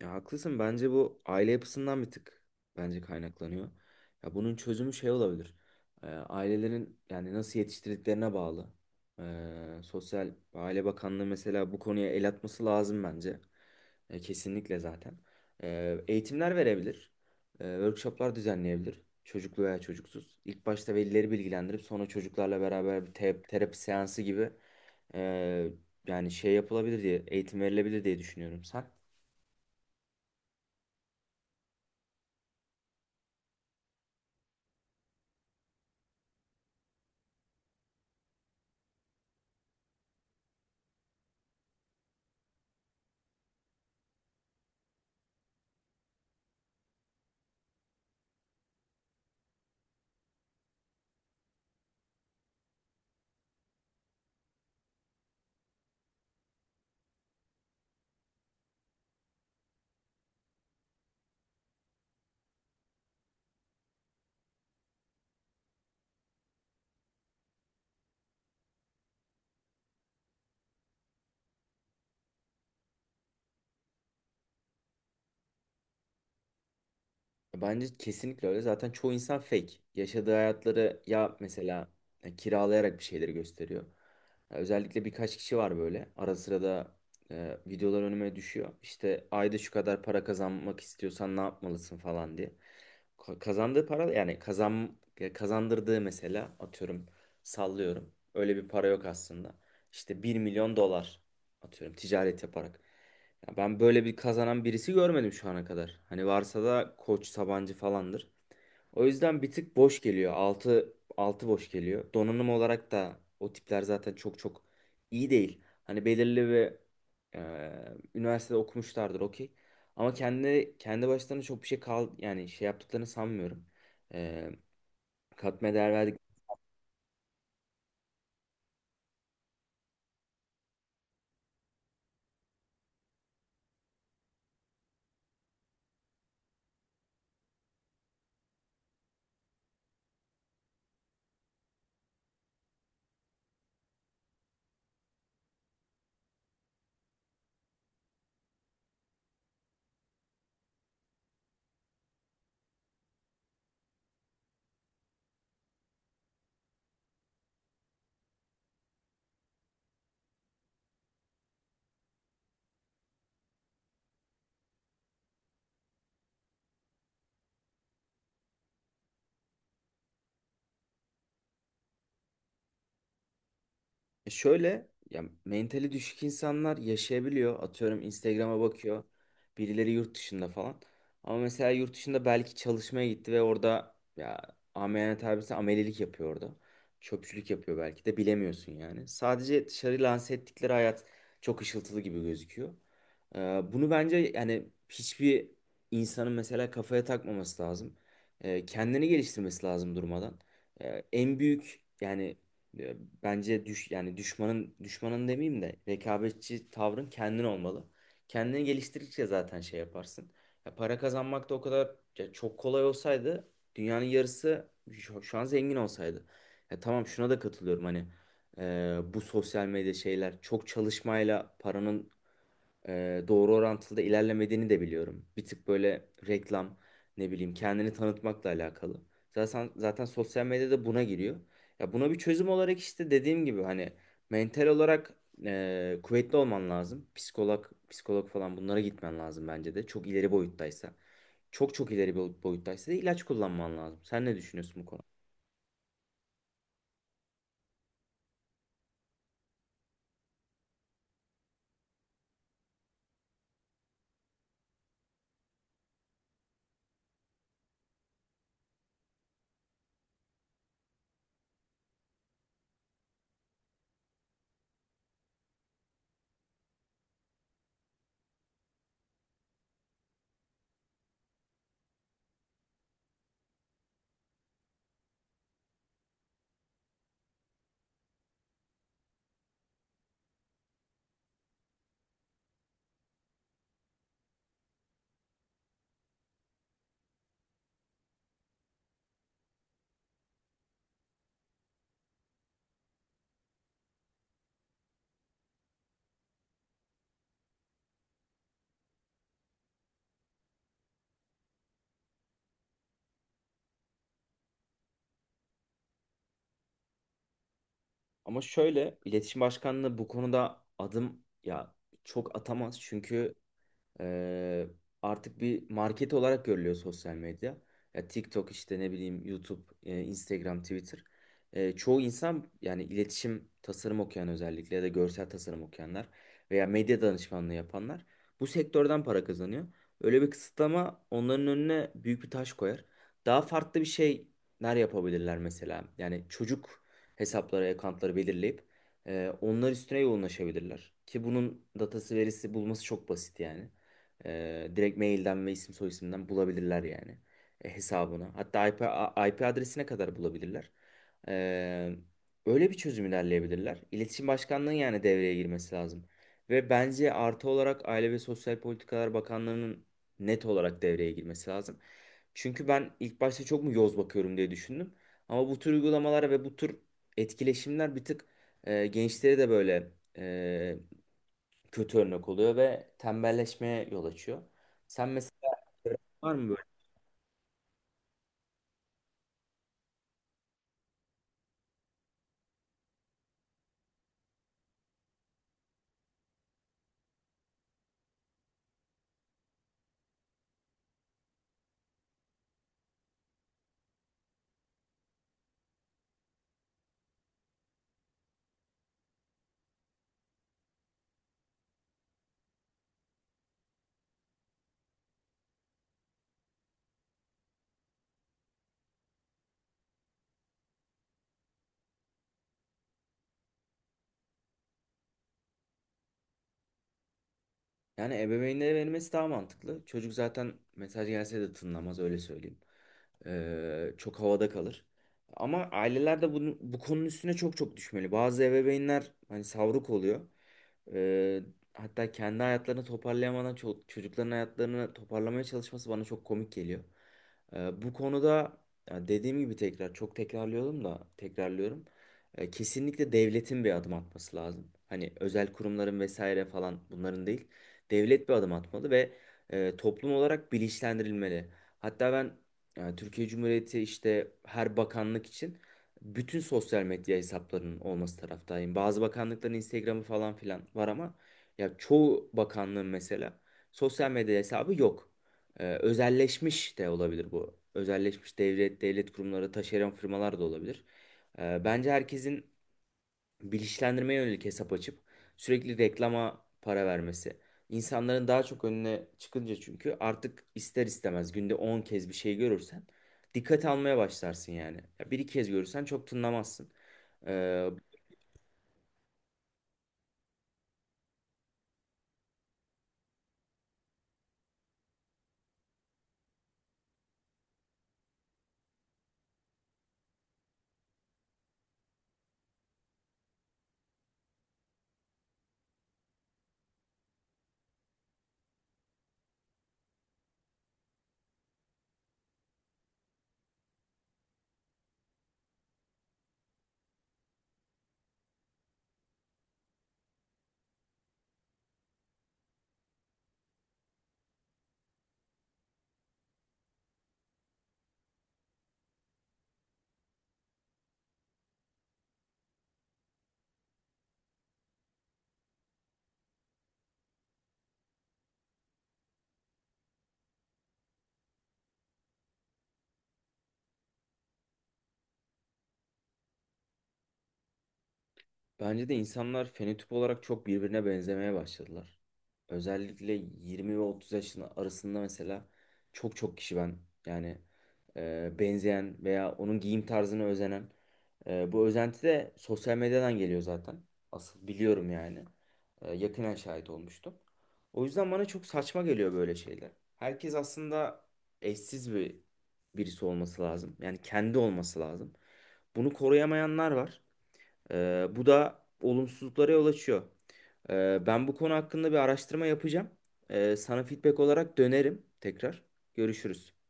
Ya haklısın. Bence bu aile yapısından bir tık bence kaynaklanıyor. Ya bunun çözümü şey olabilir. Ailelerin yani nasıl yetiştirdiklerine bağlı. Sosyal ve Aile Bakanlığı mesela bu konuya el atması lazım bence. Kesinlikle zaten. Eğitimler verebilir. Workshoplar düzenleyebilir. Çocuklu veya çocuksuz. İlk başta velileri bilgilendirip sonra çocuklarla beraber bir terapi seansı gibi ee, yani şey yapılabilir diye eğitim verilebilir diye düşünüyorum. Sen? Bence kesinlikle öyle. Zaten çoğu insan fake. Yaşadığı hayatları ya mesela kiralayarak bir şeyleri gösteriyor. Ya özellikle birkaç kişi var böyle. Ara sıra da videolar önüme düşüyor. İşte ayda şu kadar para kazanmak istiyorsan ne yapmalısın falan diye. Kazandığı para yani kazandırdığı mesela atıyorum sallıyorum. Öyle bir para yok aslında. İşte 1 milyon dolar atıyorum ticaret yaparak. Ya ben böyle bir kazanan birisi görmedim şu ana kadar. Hani varsa da Koç Sabancı falandır. O yüzden bir tık boş geliyor. 6 6 boş geliyor. Donanım olarak da o tipler zaten çok çok iyi değil. Hani belirli bir üniversitede okumuşlardır okey. Ama kendi başlarına çok bir şey yani şey yaptıklarını sanmıyorum. E, katma değer. Şöyle ya mentali düşük insanlar yaşayabiliyor. Atıyorum Instagram'a bakıyor. Birileri yurt dışında falan. Ama mesela yurt dışında belki çalışmaya gitti ve orada ya ameliyat tabirse amelilik yapıyor orada. Çöpçülük yapıyor belki de bilemiyorsun yani. Sadece dışarı lanse ettikleri hayat çok ışıltılı gibi gözüküyor. Ee, bunu bence yani hiçbir insanın mesela kafaya takmaması lazım. Kendini geliştirmesi lazım durmadan. En büyük yani, e, bence yani düşmanın düşmanın demeyeyim de, rekabetçi tavrın kendin olmalı. Kendini geliştirdikçe zaten şey yaparsın. Ya para kazanmak da o kadar ya çok kolay olsaydı dünyanın yarısı şu an zengin olsaydı. Ya tamam şuna da katılıyorum hani bu sosyal medya şeyler çok çalışmayla paranın doğru orantılı da ilerlemediğini de biliyorum. Bir tık böyle reklam ne bileyim kendini tanıtmakla alakalı. Zaten sosyal medyada buna giriyor. Ya buna bir çözüm olarak işte dediğim gibi hani mental olarak kuvvetli olman lazım. Psikolog, psikolog falan bunlara gitmen lazım bence de. Çok ileri boyuttaysa. Çok çok ileri bir boyuttaysa da ilaç kullanman lazım. Sen ne düşünüyorsun bu konuda? Ama şöyle iletişim başkanlığı bu konuda adım ya çok atamaz, çünkü Ee, artık bir market olarak görülüyor sosyal medya. Ya TikTok işte ne bileyim YouTube, Instagram, Twitter. Çoğu insan yani iletişim tasarım okuyan özellikle ya da görsel tasarım okuyanlar veya medya danışmanlığı yapanlar bu sektörden para kazanıyor. Öyle bir kısıtlama onların önüne büyük bir taş koyar. Daha farklı bir şeyler yapabilirler mesela. Yani çocuk hesapları, accountları belirleyip onlar üstüne yoğunlaşabilirler. Ki bunun datası verisi bulması çok basit yani. Direkt mailden ve isim soyisimden bulabilirler yani hesabını. Hatta IP adresine kadar bulabilirler. Ee, öyle bir çözüm ilerleyebilirler. İletişim Başkanlığı'nın yani devreye girmesi lazım. Ve bence artı olarak Aile ve Sosyal Politikalar Bakanlığı'nın net olarak devreye girmesi lazım. Çünkü ben ilk başta çok mu yoz bakıyorum diye düşündüm. Ama bu tür uygulamalara ve bu tür etkileşimler bir tık gençlere de böyle e, kötü örnek oluyor ve tembelleşmeye yol açıyor. Sen mesela var mı böyle? Yani ebeveynlere verilmesi daha mantıklı. Çocuk zaten mesaj gelse de tınlamaz öyle söyleyeyim. Çok havada kalır. Ama aileler de bu konunun üstüne çok çok düşmeli. Bazı ebeveynler hani savruk oluyor. Ee, hatta kendi hayatlarını toparlayamadan çocukların hayatlarını toparlamaya çalışması bana çok komik geliyor. Bu konuda ya dediğim gibi tekrar çok tekrarlıyorum da tekrarlıyorum. Kesinlikle devletin bir adım atması lazım. Hani özel kurumların vesaire falan bunların değil. Devlet bir adım atmalı ve toplum olarak bilinçlendirilmeli. Hatta ben yani Türkiye Cumhuriyeti işte her bakanlık için bütün sosyal medya hesaplarının olması taraftayım. Bazı bakanlıkların Instagram'ı falan filan var ama ya çoğu bakanlığın mesela sosyal medya hesabı yok. Özelleşmiş de olabilir bu. Özelleşmiş devlet kurumları, taşeron firmalar da olabilir. Bence herkesin bilinçlendirmeye yönelik hesap açıp sürekli reklama para vermesi. İnsanların daha çok önüne çıkınca çünkü artık ister istemez günde 10 kez bir şey görürsen dikkat almaya başlarsın yani. Ya bir iki kez görürsen çok tınlamazsın. Ee, Bence de insanlar fenotip olarak çok birbirine benzemeye başladılar. Özellikle 20 ve 30 yaşın arasında mesela çok çok kişi ben yani benzeyen veya onun giyim tarzına özenen, bu özenti de sosyal medyadan geliyor zaten. Asıl biliyorum yani. Yakinen şahit olmuştum. O yüzden bana çok saçma geliyor böyle şeyler. Herkes aslında eşsiz bir birisi olması lazım. Yani kendi olması lazım. Bunu koruyamayanlar var. Bu da olumsuzluklara yol açıyor. Ben bu konu hakkında bir araştırma yapacağım. Sana feedback olarak dönerim tekrar. Görüşürüz.